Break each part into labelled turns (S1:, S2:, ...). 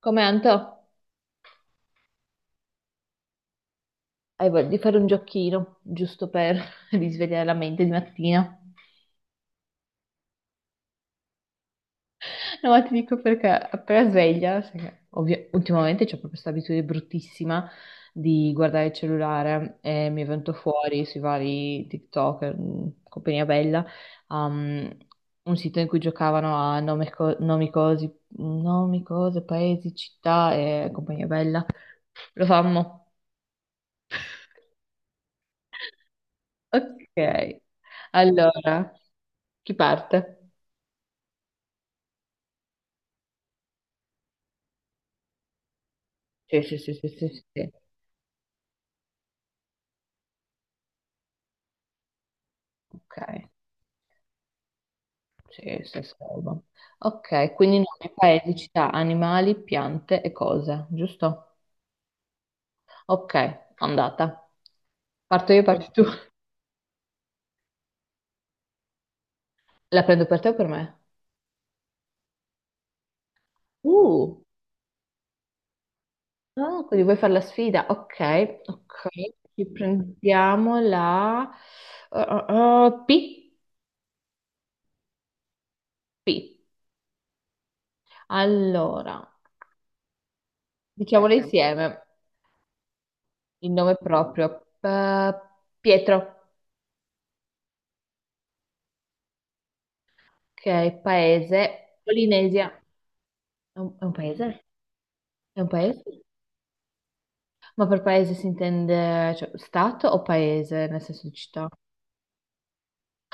S1: Come Anto? Hai voglia di fare un giochino, giusto per risvegliare la mente di mattina? No, ma ti dico perché appena sveglia, sai che ultimamente c'ho proprio questa abitudine bruttissima di guardare il cellulare e mi è venuto fuori sui vari TikTok, compagnia bella, um, un sito in cui giocavano a nomi, cosi, nomi, cose, paesi, città e compagnia bella. Lo fammo. Ok, allora. Chi parte? Sì, sì, sì, sì, sì, sì. Ok, sì, se salvo. Ok, quindi nome, paesi, città, animali, piante e cose, giusto? Ok, andata. Parto io, parti tu. La prendo per te o per me? Uh, ah, quindi vuoi fare la sfida? Ok, ok. Ci prendiamo la uh, uh, P. P. Allora, diciamole Ok insieme. Il nome proprio. Pietro. Ok, paese, Polinesia. È un paese? È un paese? Ma per paese si intende, cioè, stato o paese, nel senso di città?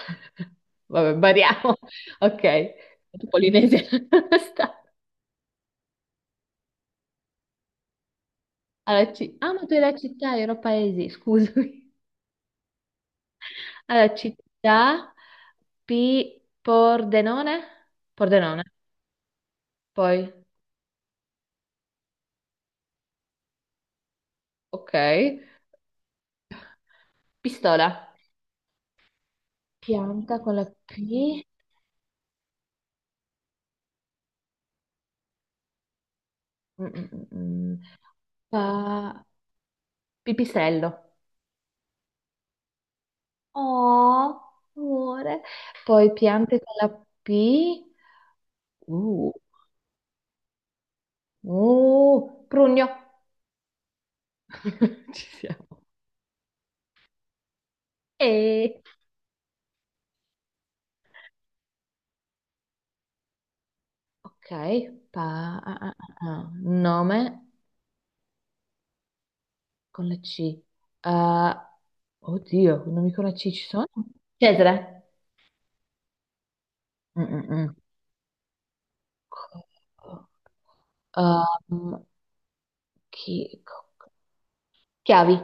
S1: Vabbè, variamo. Ok, Polinesia. Stato. Ma tu eri la città, io ero paesi, scusami. Alla città, P, Pordenone? Pordenone, poi, ok. Pistola. Pianta con la P. Mm, mm, mm, mm. Pa- pipistrello. Oh, amore. Poi piante con la P. Uh, prugno. Ci siamo. E... Ok, Nome con la C. Ah, oddio, nomi con la C ci sono? Cesare. Mm, mm, mm. Co- Um, chi- co- Chiavi.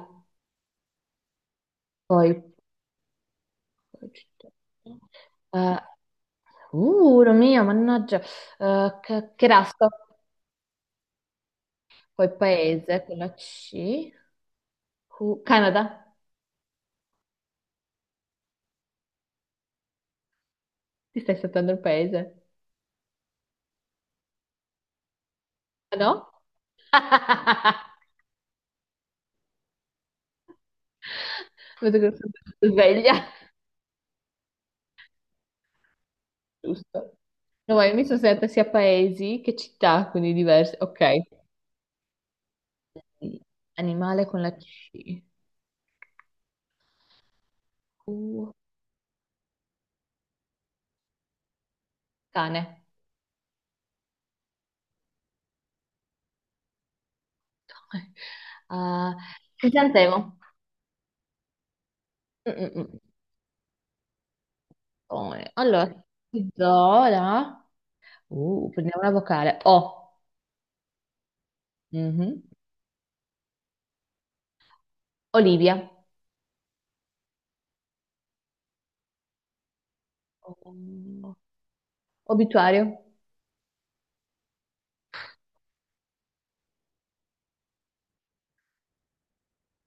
S1: Poi, eh, mio, mannaggia, che rasco, poi paese, con la C, Canada, ti stai saltando il paese, ah no? Vedo che sono sveglia, giusto? No, ma io mi sono sentita sia paesi che città, quindi diverse, ok. Animale con la C, Q, cane, Ah, crisantemo, Mm, mm, mm. Poi, allora, ti do la... prendiamo una vocale. O. Mhm. Olivia. Oh, Obituario.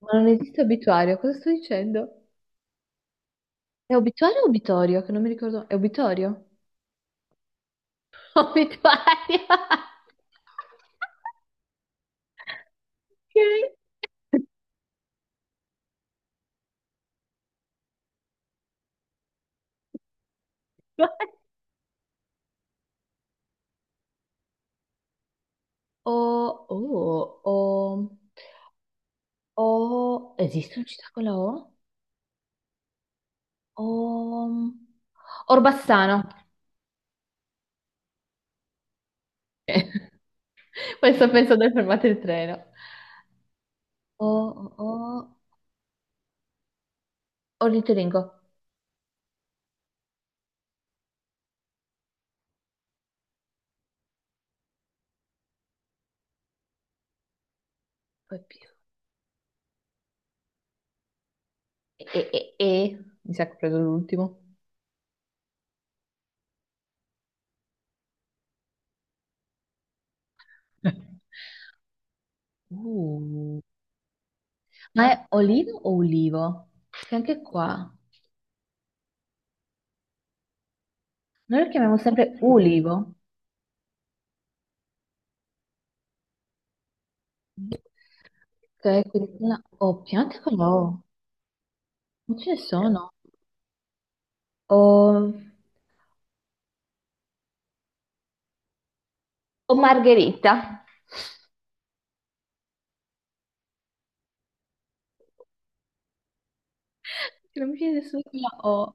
S1: Ma non esiste obituario, cosa sto dicendo? È obituario o obitorio? Che non mi ricordo. È obitorio? Obituario. Ok. O, oh, o, esiste una città con la O? O, Orbassano. Ok. Questo penso dove fermate il treno. O, ornitoringo. Poi P. E, e- e- Mi sa che ho preso l'ultimo. Uh. Ma è olivo o ulivo? Perché anche qua noi lo chiamiamo sempre ulivo. Ok, quindi con la O, piante con la O. Non ce ne sono. O, o margherita. Che non mi viene nessuno con la O.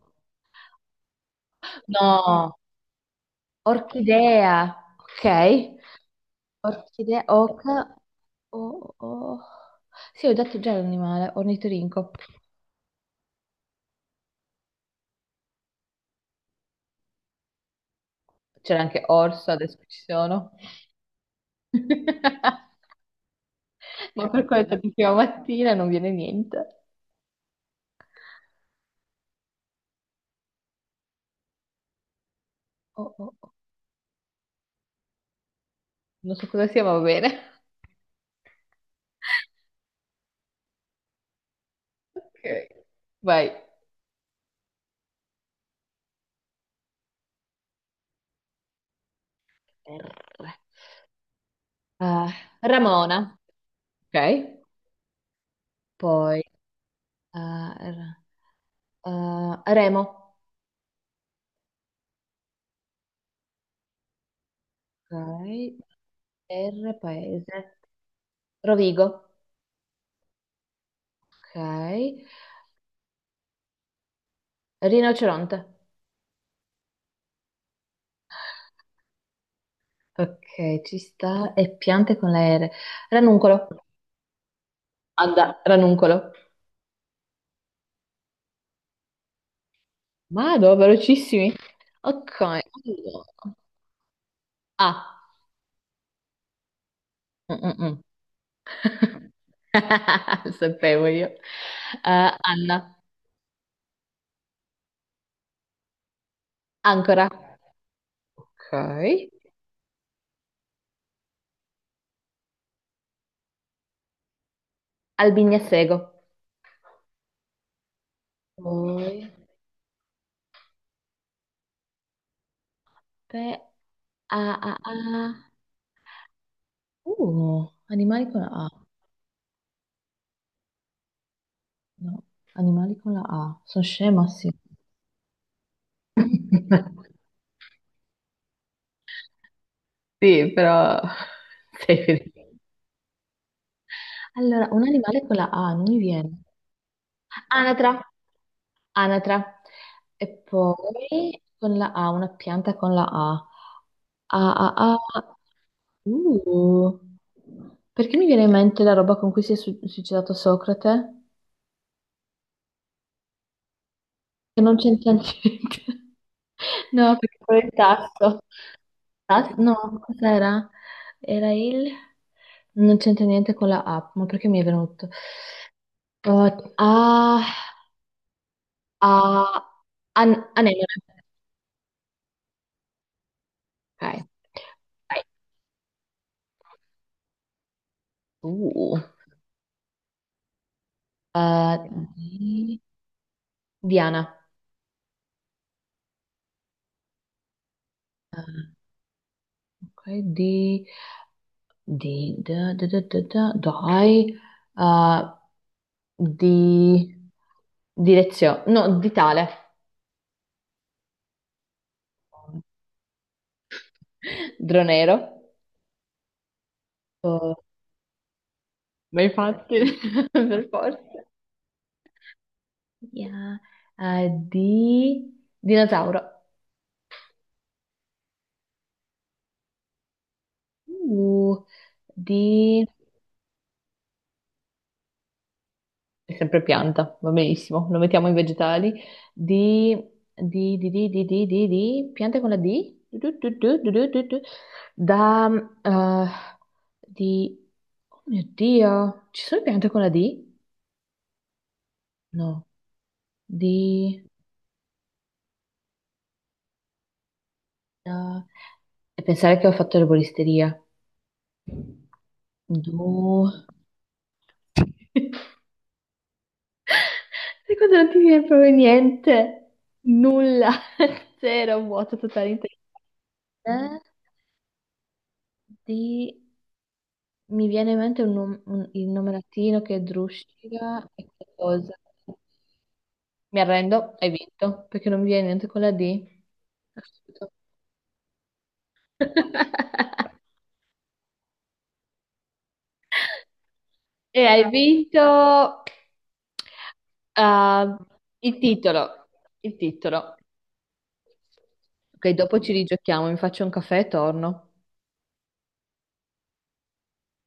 S1: No, orchidea. Ok, orchidea, oca. O. Sì, ho detto già l'animale, ornitorinco. C'era anche orso, adesso ci sono. Ma per questo di prima mattina non viene niente. Oh, oh, oh. Non so cosa sia, ma va bene. Ok. Vai. R. Ah, Ramona. Ok. Poi ah, Remo. Ok. R paese. Rovigo. Ok. Rinoceronte. Ok, ci sta. E piante con la R. Ranuncolo. Anda, ranuncolo. Vado, velocissimi. Ok. Allora. A. Mm, mm, mm. Lo sapevo io. Anna, ancora. Ok. Albignasego. Poi, pe- a, a, a. Animali con la A. No, animali con la A. Sono scema, sì. Sì, però. Sei felice. Allora, un animale con la A, non mi viene. Anatra, anatra. E poi con la A, una pianta con la A. A, A, A. Uh, perché mi viene in mente la roba con cui si è suicidato Socrate? Che non c'entra niente. No, perché quello è il tasso. No, cos'era? Era il... Non c'entra niente con la app, ma perché mi è venuto? Uh, ah, ah, anemone. Ok. Vai. Uh, eh, di- Diana. Eh, Ok, di... di... da- da- da- da- da- Dai. Uh, di direzione, no, di tale, dronero, Oh, ma infatti, per forza, Yeah. Di dinosauro, Uh, di, è sempre pianta, va benissimo, lo mettiamo in vegetali, di, piante con la D, da, eh, di, oh mio Dio, ci sono piante con la D? No. di... da- E pensare che ho fatto erboristeria. Du... E quando non ti viene proprio niente, nulla, zero, vuoto totale in testa. Di... Mi viene in mente il nome latino che è Drusciga e qualcosa. Mi arrendo, hai vinto, perché non mi viene niente con la D. Assurdo. E hai vinto ah, il titolo, il titolo. Ok, dopo ci rigiochiamo, mi faccio un caffè e torno.